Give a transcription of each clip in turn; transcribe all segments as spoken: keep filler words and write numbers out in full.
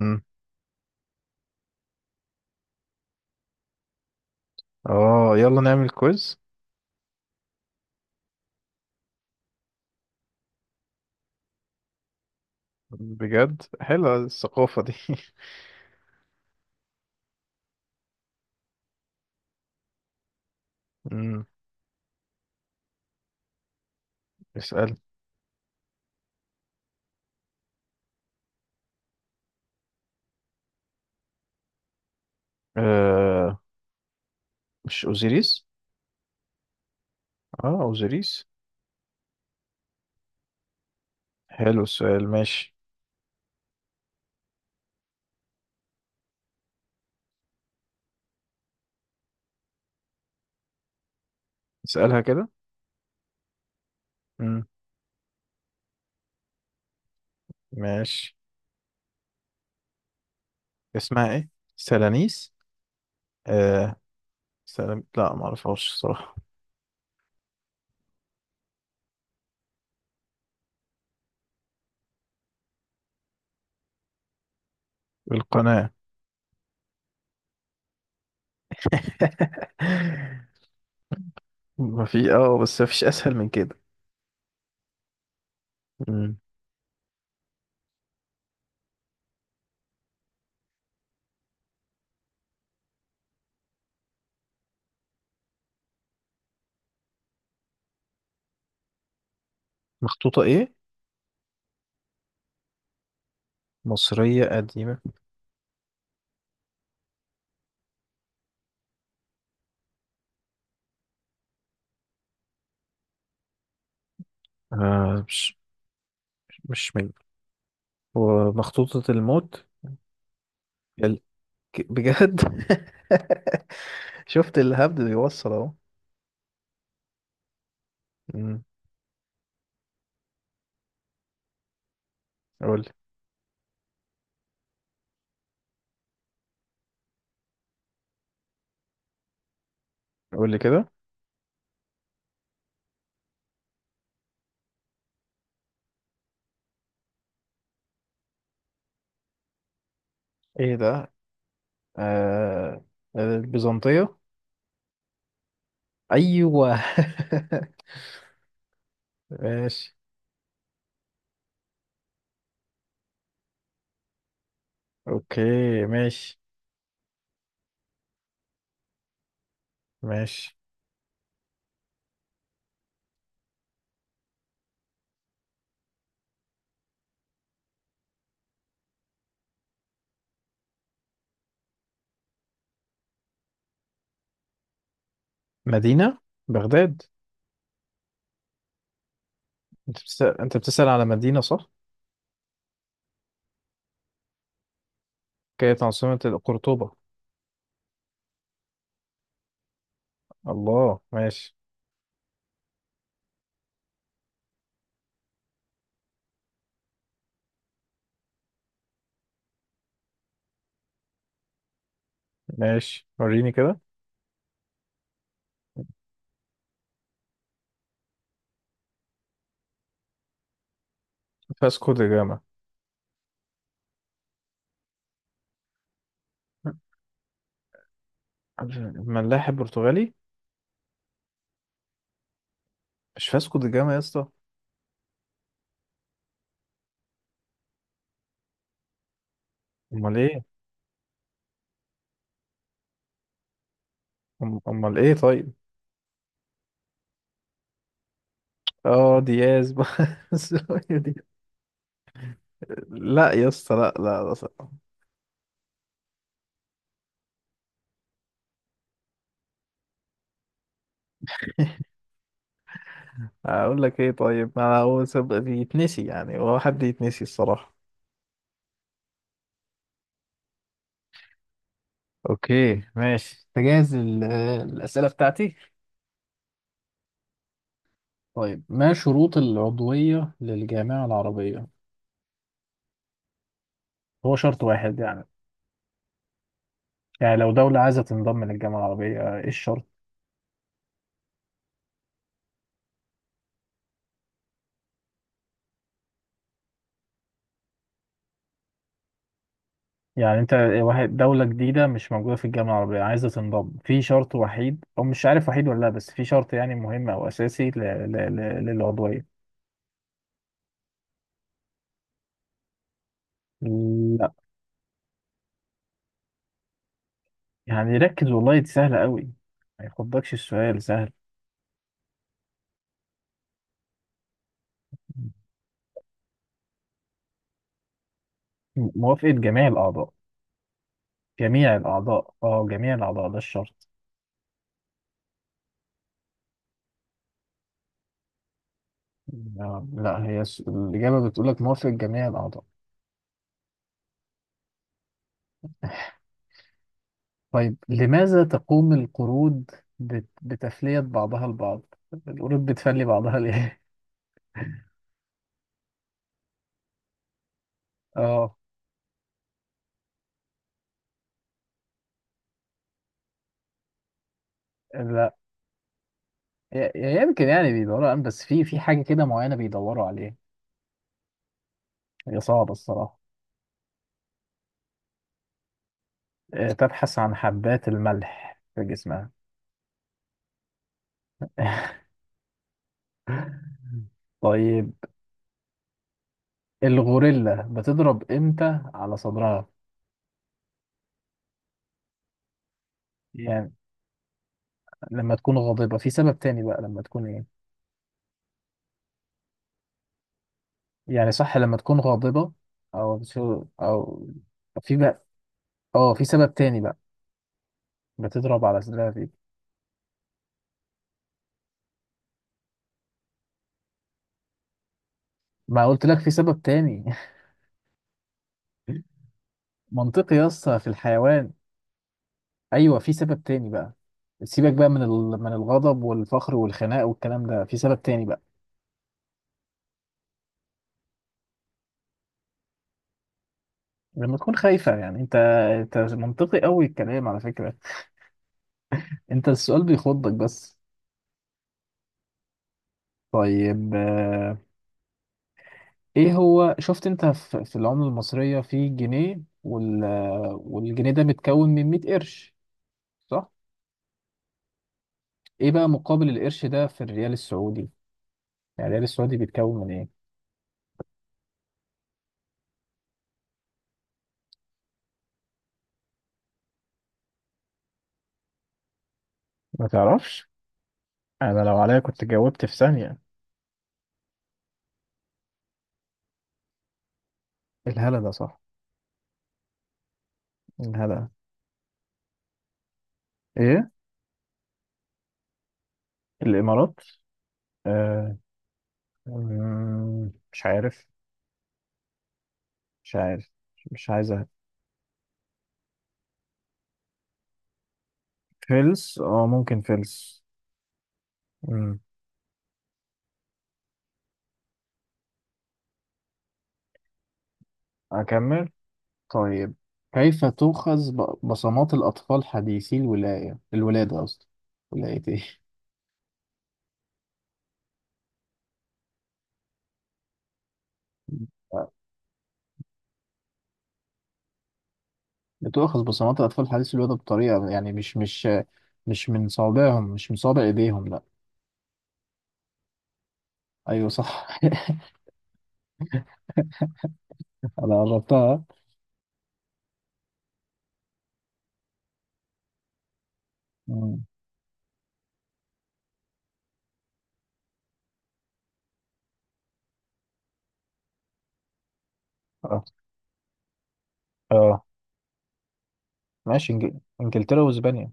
مم. اه، يلا نعمل كويز. بجد حلوة الثقافة دي. مم. اسأل. آه مش اوزيريس اه اوزيريس حلو السؤال ماشي اسألها كده مم. ماشي اسمها ايه سلانيس آه سلام لا معرفهاش صراحة القناة ما في اه بس ما فيش اسهل من كده مم. مخطوطة ايه مصرية قديمة آه، مش مش من ومخطوطة الموت. ك- بجد؟ شفت الهبد بيوصل اهو. امم، قول لي. قول لي كده. ايه ده؟ آه، آه، البيزنطية. ايوه. ماشي. اوكي، ماشي. ماشي، مدينة بغداد. انت بتسأل، انت بتسأل على مدينة، صح؟ كانت عاصمة قرطبة. الله، ماشي. ماشي، وريني كده. فاسكو دا جاما. ملاحب برتغالي. مش فاسكو دا جاما يا اسطى؟ امال ايه؟ أم- امال ايه طيب؟ اه دياز. بس دي- لا يا اسطى، لا لا لا صراحة. اقول لك ايه طيب، ما هو سب- يتنسي، يعني هو حد يتنسي الصراحة. اوكي ماشي، تجهز ال- الأسئلة بتاعتي. طيب، ما شروط العضوية للجامعة العربية؟ هو شرط واحد يعني؟ يعني لو دولة عايزة تنضم للجامعة العربية ايه الشرط؟ يعني انت واحد، دولة جديدة مش موجودة في الجامعة العربية عايزة تنضم، في شرط وحيد، او مش عارف وحيد ولا لا، بس في شرط يعني مهم او اساسي ل- ل- ل- للعضوية. لا، يعني ركز والله دي سهلة قوي. ما يخضكش، السؤال سهل. م- موافقة جميع الأعضاء. جميع الأعضاء، اه جميع الأعضاء ده الشرط. لا لا، هي الس- الإجابة بتقولك موافقة جميع الأعضاء. طيب، لماذا تقوم القرود بت- بتفلية بعضها البعض؟ القرود بتفلي بعضها ليه؟ اه، لا، ي- يمكن يعني بيدوروا على، بس في في حاجة كده معينة بيدوروا عليها. هي صعبة الصراحة. آه، تبحث عن حبات الملح في جسمها. طيب، الغوريلا بتضرب امتى على صدرها؟ يعني لما تكون غاضبة، في سبب تاني بقى لما تكون ايه؟ يعني صح لما تكون غاضبة، او شو او، في بقى، اه في سبب تاني بقى بتضرب على صدرها فيه. ما قلت لك في سبب تاني. منطقي يا اسطى في الحيوان. ايوه في سبب تاني بقى، سيبك بقى من ال، من الغضب والفخر والخناق والكلام ده، في سبب تاني بقى لما تكون خايفة. يعني انت، انت منطقي قوي الكلام على فكرة، انت السؤال بيخضك بس. طيب آه، ايه هو، شفت انت ف- في العملة المصرية في جنيه وال، والجنيه ده متكون من مية قرش، صح؟ ايه بقى مقابل القرش ده في الريال السعودي؟ يعني الريال السعودي بيتكون من ايه؟ ما تعرفش؟ انا لو عليا كنت جاوبت في ثانية. الهلا، ده صح؟ الهلا، ايه الامارات؟ آه، مم، مش عارف، مش عارف، مش عايز أهبد. فلس، اه ممكن فلس. مم. اكمل. طيب، كيف تؤخذ ب- بصمات الأطفال حديثي الولاية الولادة قصدي، ولاية إيه؟ بتؤخذ بصمات الأطفال حديثي الولادة بطريقة، يعني مش مش مش من صوابعهم، مش من صوابع إيديهم لأ. أيوه صح. أنا قربتها. مم. آه. آه. ماشي، إنجل... إنجلترا وإسبانيا.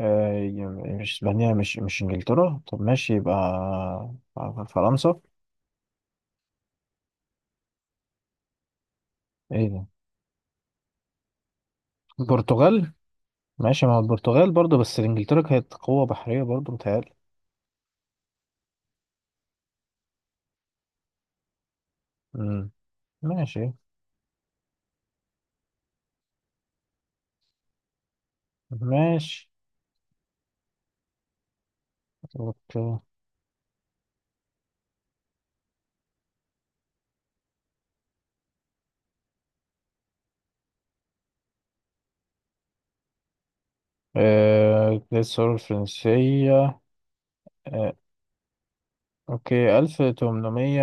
آه. ي- مش إسبانيا، مش مش إنجلترا، طب ماشي، يبقى فرنسا. إيه ده، البرتغال. ماشي مع البرتغال برضه، بس إنجلترا كانت قوة بحرية برضه، متهيألي. مم. ماشي. ماشي. اوكي. آه، ده الثورة الفرنسية. آه، اوكي، ألف تمنمية.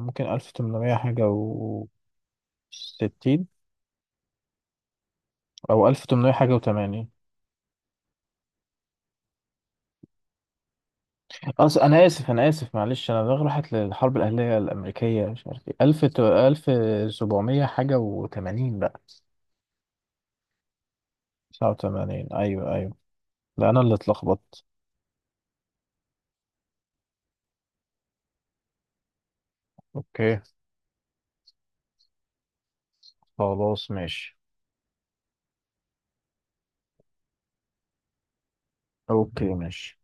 ممكن ألف تمنمية حاجة وستين، أو ألف تمنمية حاجة وتمانين. أص... أنا آسف، أنا آسف، معلش أنا دماغي راحت للحرب الأهلية الأمريكية، مش عارف إيه، ألف ت... ألف سبعمية حاجة وتمانين بقى. تسعة وتمانين، أيوه أيوه، ده أنا اللي اتلخبطت. اوكي، خلاص ماشي. اوكي ماشي.